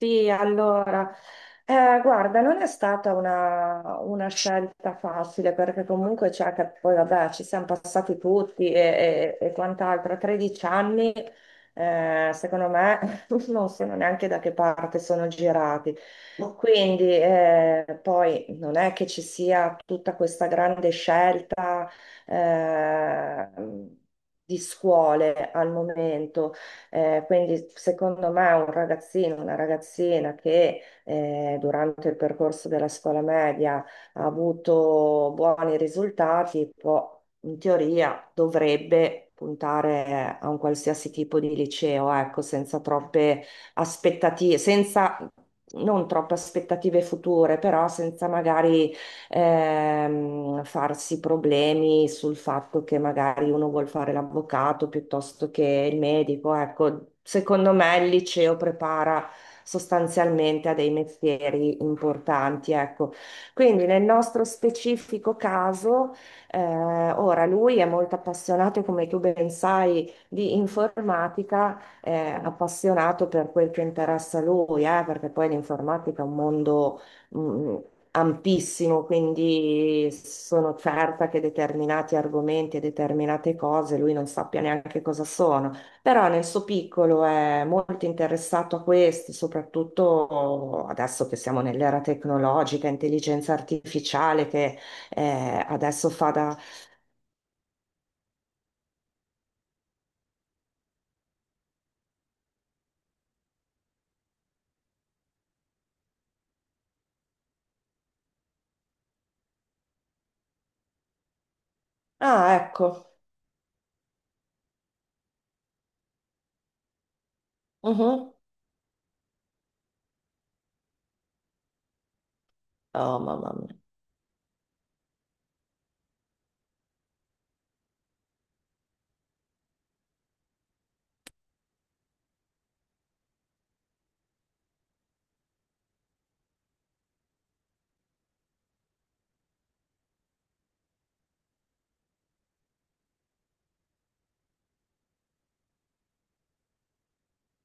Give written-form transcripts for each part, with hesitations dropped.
Sì, allora, guarda, non è stata una scelta facile, perché comunque c'è che poi vabbè ci siamo passati tutti e quant'altro. A 13 anni, secondo me non sono neanche da che parte sono girati, quindi poi non è che ci sia tutta questa grande scelta eh, di scuole al momento. Quindi secondo me un ragazzino, una ragazzina che durante il percorso della scuola media ha avuto buoni risultati, può, in teoria, dovrebbe puntare a un qualsiasi tipo di liceo, ecco, senza troppe aspettative, senza non troppe aspettative future, però senza magari farsi problemi sul fatto che magari uno vuol fare l'avvocato piuttosto che il medico. Ecco, secondo me il liceo prepara sostanzialmente a dei mestieri importanti, ecco. Quindi nel nostro specifico caso, eh, ora lui è molto appassionato, come tu ben sai, di informatica, appassionato per quel che interessa a lui, perché poi l'informatica è un mondo mh, ampissimo, quindi sono certa che determinati argomenti e determinate cose lui non sappia neanche cosa sono, però nel suo piccolo è molto interessato a questo, soprattutto adesso che siamo nell'era tecnologica, intelligenza artificiale che adesso fa da... Ah, ecco. Mhm. Oh, mamma mia.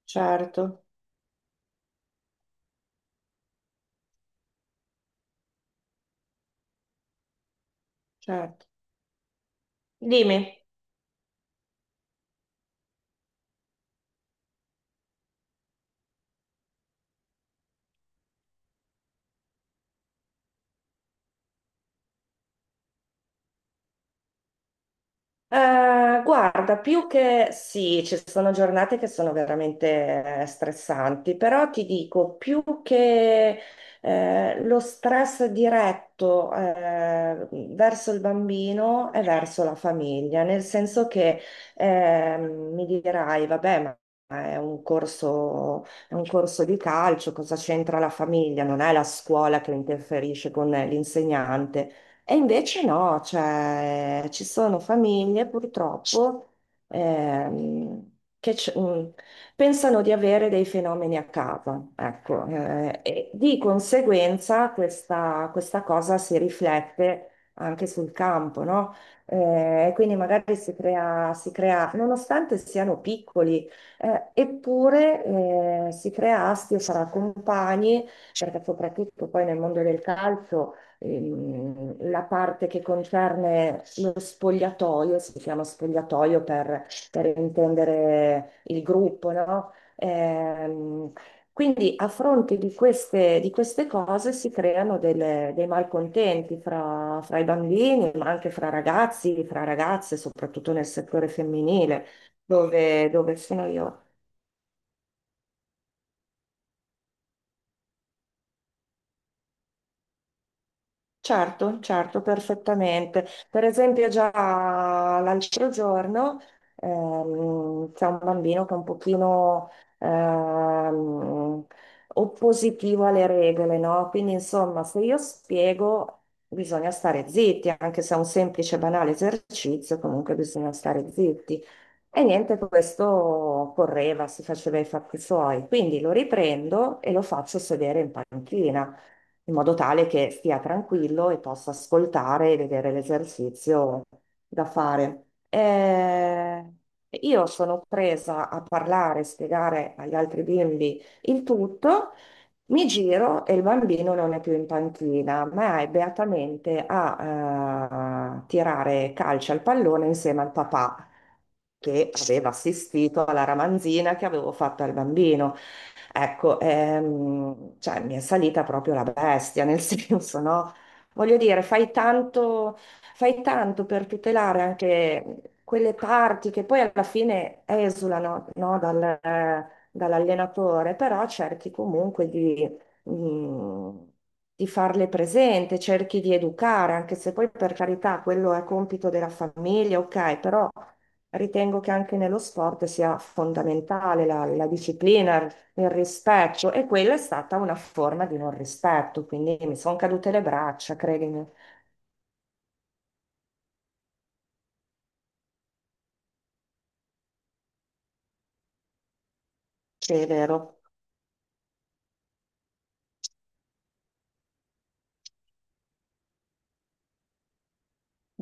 Certo, certo. Dimmi. Guarda, più che sì, ci sono giornate che sono veramente stressanti, però ti dico, più che lo stress diretto verso il bambino è verso la famiglia, nel senso che mi dirai, vabbè, ma è un corso, di calcio, cosa c'entra la famiglia? Non è la scuola che interferisce con l'insegnante. E invece no, cioè, ci sono famiglie purtroppo, ehm, che c- mh, pensano di avere dei fenomeni a casa, ecco, e di conseguenza questa cosa si riflette anche sul campo, no? Quindi magari si crea, nonostante siano piccoli, eppure si crea astio fra compagni, perché soprattutto poi nel mondo del calcio la parte che concerne lo spogliatoio, si chiama spogliatoio per, intendere il gruppo, no? Quindi, a fronte di queste, cose si creano dei malcontenti fra i bambini, ma anche fra ragazzi, fra ragazze, soprattutto nel settore femminile, dove sono io. Certo, certo, perfettamente. Per esempio, già l'altro giorno c'è un bambino che è un pochino ehm, oppositivo alle regole, no? Quindi, insomma, se io spiego, bisogna stare zitti, anche se è un semplice, banale esercizio, comunque bisogna stare zitti. E niente, questo correva, si faceva i fatti suoi. Quindi lo riprendo e lo faccio sedere in panchina in modo tale che stia tranquillo e possa ascoltare e vedere l'esercizio da fare. Eh, io sono presa a parlare, spiegare agli altri bimbi il tutto. Mi giro e il bambino non è più in panchina, ma è beatamente a tirare calcio al pallone insieme al papà che aveva assistito alla ramanzina che avevo fatto al bambino. Ecco, cioè, mi è salita proprio la bestia, nel senso, no? Voglio dire, fai tanto per tutelare anche quelle parti che poi alla fine esulano, no, dall'allenatore, però cerchi comunque mm, di farle presente, cerchi di educare, anche se poi per carità quello è compito della famiglia, ok, però ritengo che anche nello sport sia fondamentale la disciplina, il rispetto, e quella è stata una forma di non rispetto, quindi mi sono cadute le braccia, credimi. Sì, è vero.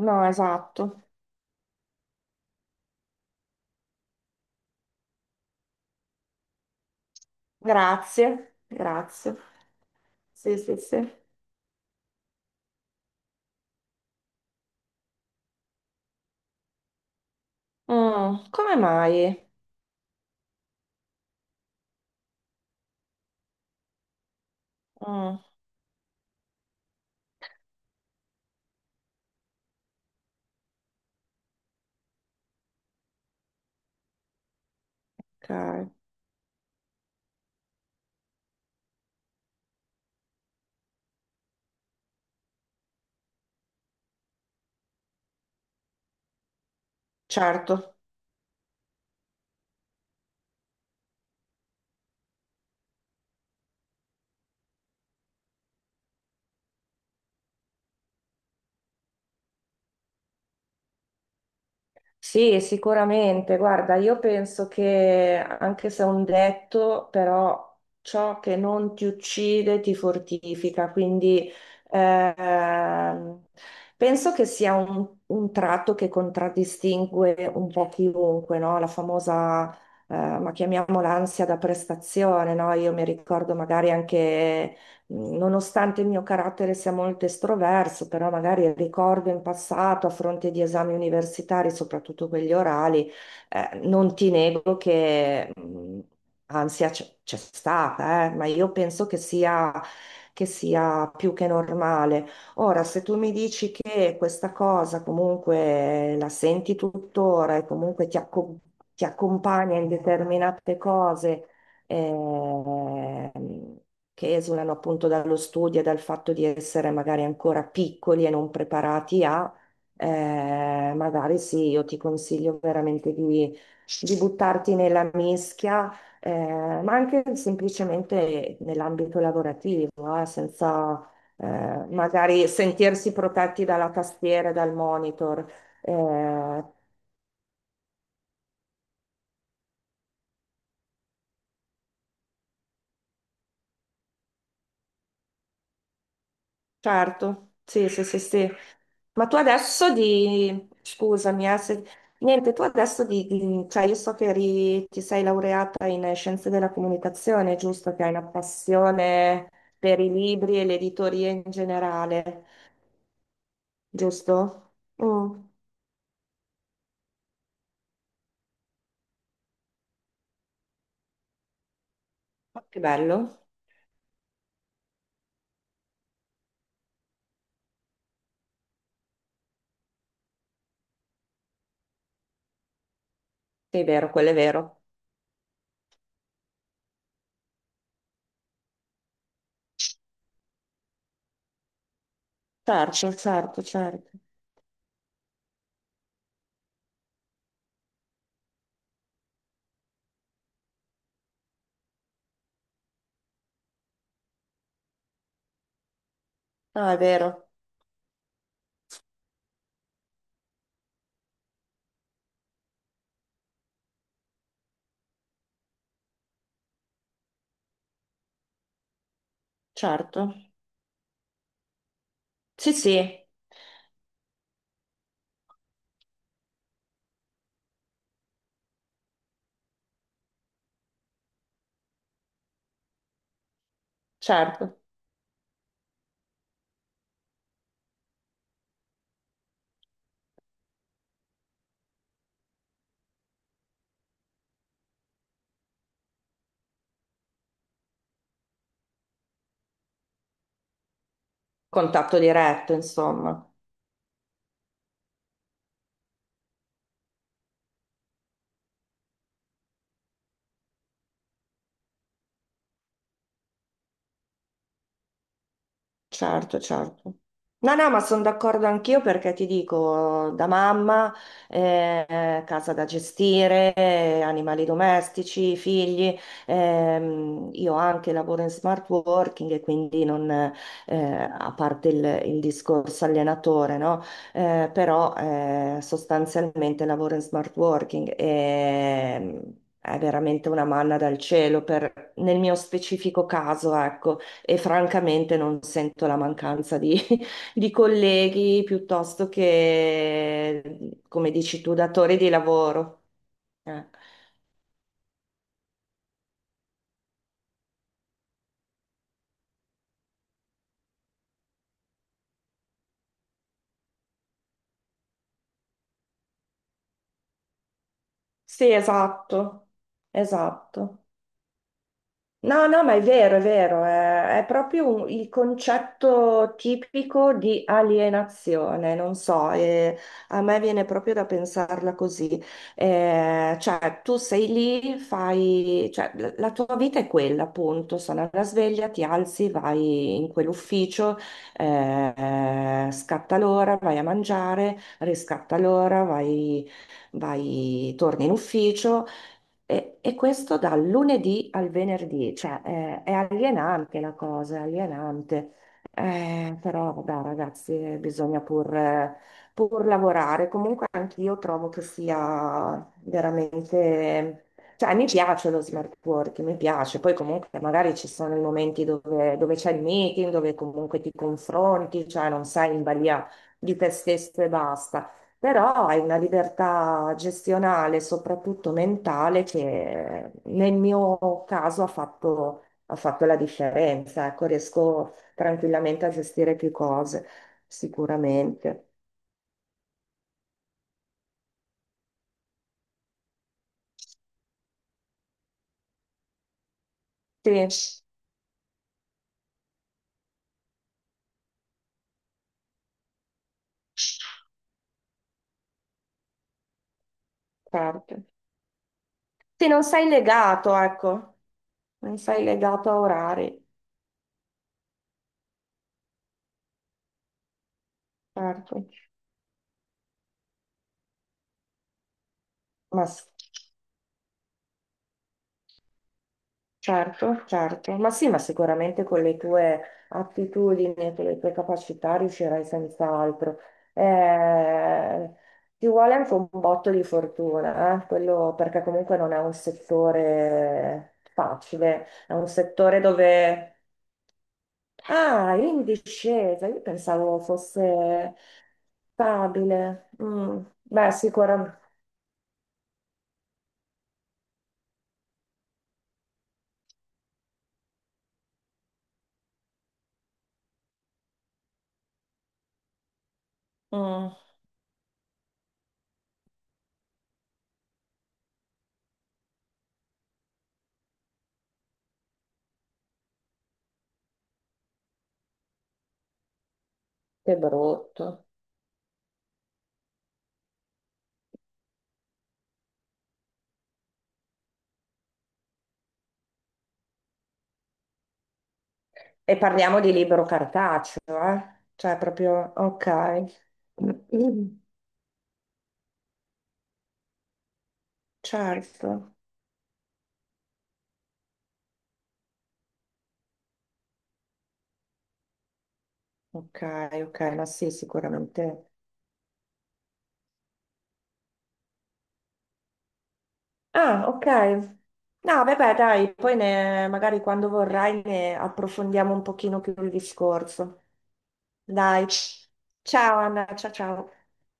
No, esatto. Grazie, grazie. Sì, sì, sì. Mm, come mai? Mm, ok, certo. Sì, sicuramente. Guarda, io penso che anche se è un detto, però ciò che non ti uccide ti fortifica. Quindi ehm, penso che sia un tratto che contraddistingue un po' chiunque, no? La famosa, ma chiamiamola ansia da prestazione, no? Io mi ricordo magari anche Nonostante il mio carattere sia molto estroverso, però magari ricordo in passato, a fronte di esami universitari, soprattutto quelli orali, non ti nego che ansia c'è stata, ma io penso che sia, più che normale. Ora, se tu mi dici che questa cosa comunque la senti tuttora e comunque ti accompagna in determinate cose, ehm, che esulano appunto dallo studio e dal fatto di essere magari ancora piccoli e non preparati a, magari sì, io ti consiglio veramente di buttarti nella mischia, eh, ma anche semplicemente nell'ambito lavorativo, senza eh, magari sentirsi protetti dalla tastiera e dal monitor. Eh, Certo, sì, sì, sì, sì. Ma tu adesso di... Scusami, niente, tu adesso di... Cioè, io so che ti sei laureata in scienze della comunicazione, giusto? Che hai una passione per i libri e l'editoria in generale, giusto? Mm. Che bello. Sì, è vero, quello è vero. Certo, certo, certo. No, è vero, certo. Sì, sì, certo. Contatto diretto, insomma. Certo, certo. No, no, ma sono d'accordo anch'io, perché ti dico, da mamma, casa da gestire, animali domestici, figli, io anche lavoro in smart working, e quindi non, a parte il discorso allenatore, no? Però sostanzialmente lavoro in smart working ehm, è veramente una manna dal cielo per, nel mio specifico caso, ecco, e francamente non sento la mancanza di colleghi piuttosto che, come dici tu, datori di lavoro. Eh. Sì, esatto, esatto. No, no, ma è vero, è vero, è proprio il concetto tipico di alienazione, non so, a me viene proprio da pensarla così. Cioè, tu sei lì, cioè, la tua vita è quella, appunto, sono alla sveglia, ti alzi, vai in quell'ufficio, scatta l'ora, vai a mangiare, riscatta l'ora, vai, torni in ufficio. E questo dal lunedì al venerdì, cioè è alienante la cosa, è alienante. Però vabbè ragazzi, bisogna pur lavorare. Comunque anch'io trovo che sia veramente... Cioè mi piace lo smart working, mi piace. Poi comunque magari ci sono i momenti dove c'è il meeting, dove comunque ti confronti, cioè non sei in balia di te stesso e basta. Però hai una libertà gestionale, soprattutto mentale, che nel mio caso ha fatto la differenza. Ecco, riesco tranquillamente a gestire più cose, sicuramente. Sì, certo. Sì, non sei legato, ecco, non sei legato a orari, certo. Ma s- Certo, certo, ma sì, ma sicuramente con le tue attitudini e con le tue capacità riuscirai senz'altro. Eh, Ti vuole anche un botto di fortuna, quello, perché comunque non è un settore facile, è un settore dove... Ah, è in discesa, io pensavo fosse stabile. Mm, beh, sicuramente... Mm, che brutto. E parliamo di libro cartaceo, eh? Cioè proprio, ok. Mm, certo. Ok, ok, ma sì, sicuramente. Ah, ok. No, vabbè, dai, poi magari quando vorrai ne approfondiamo un pochino più il discorso. Dai. Ciao Anna, ciao, ciao.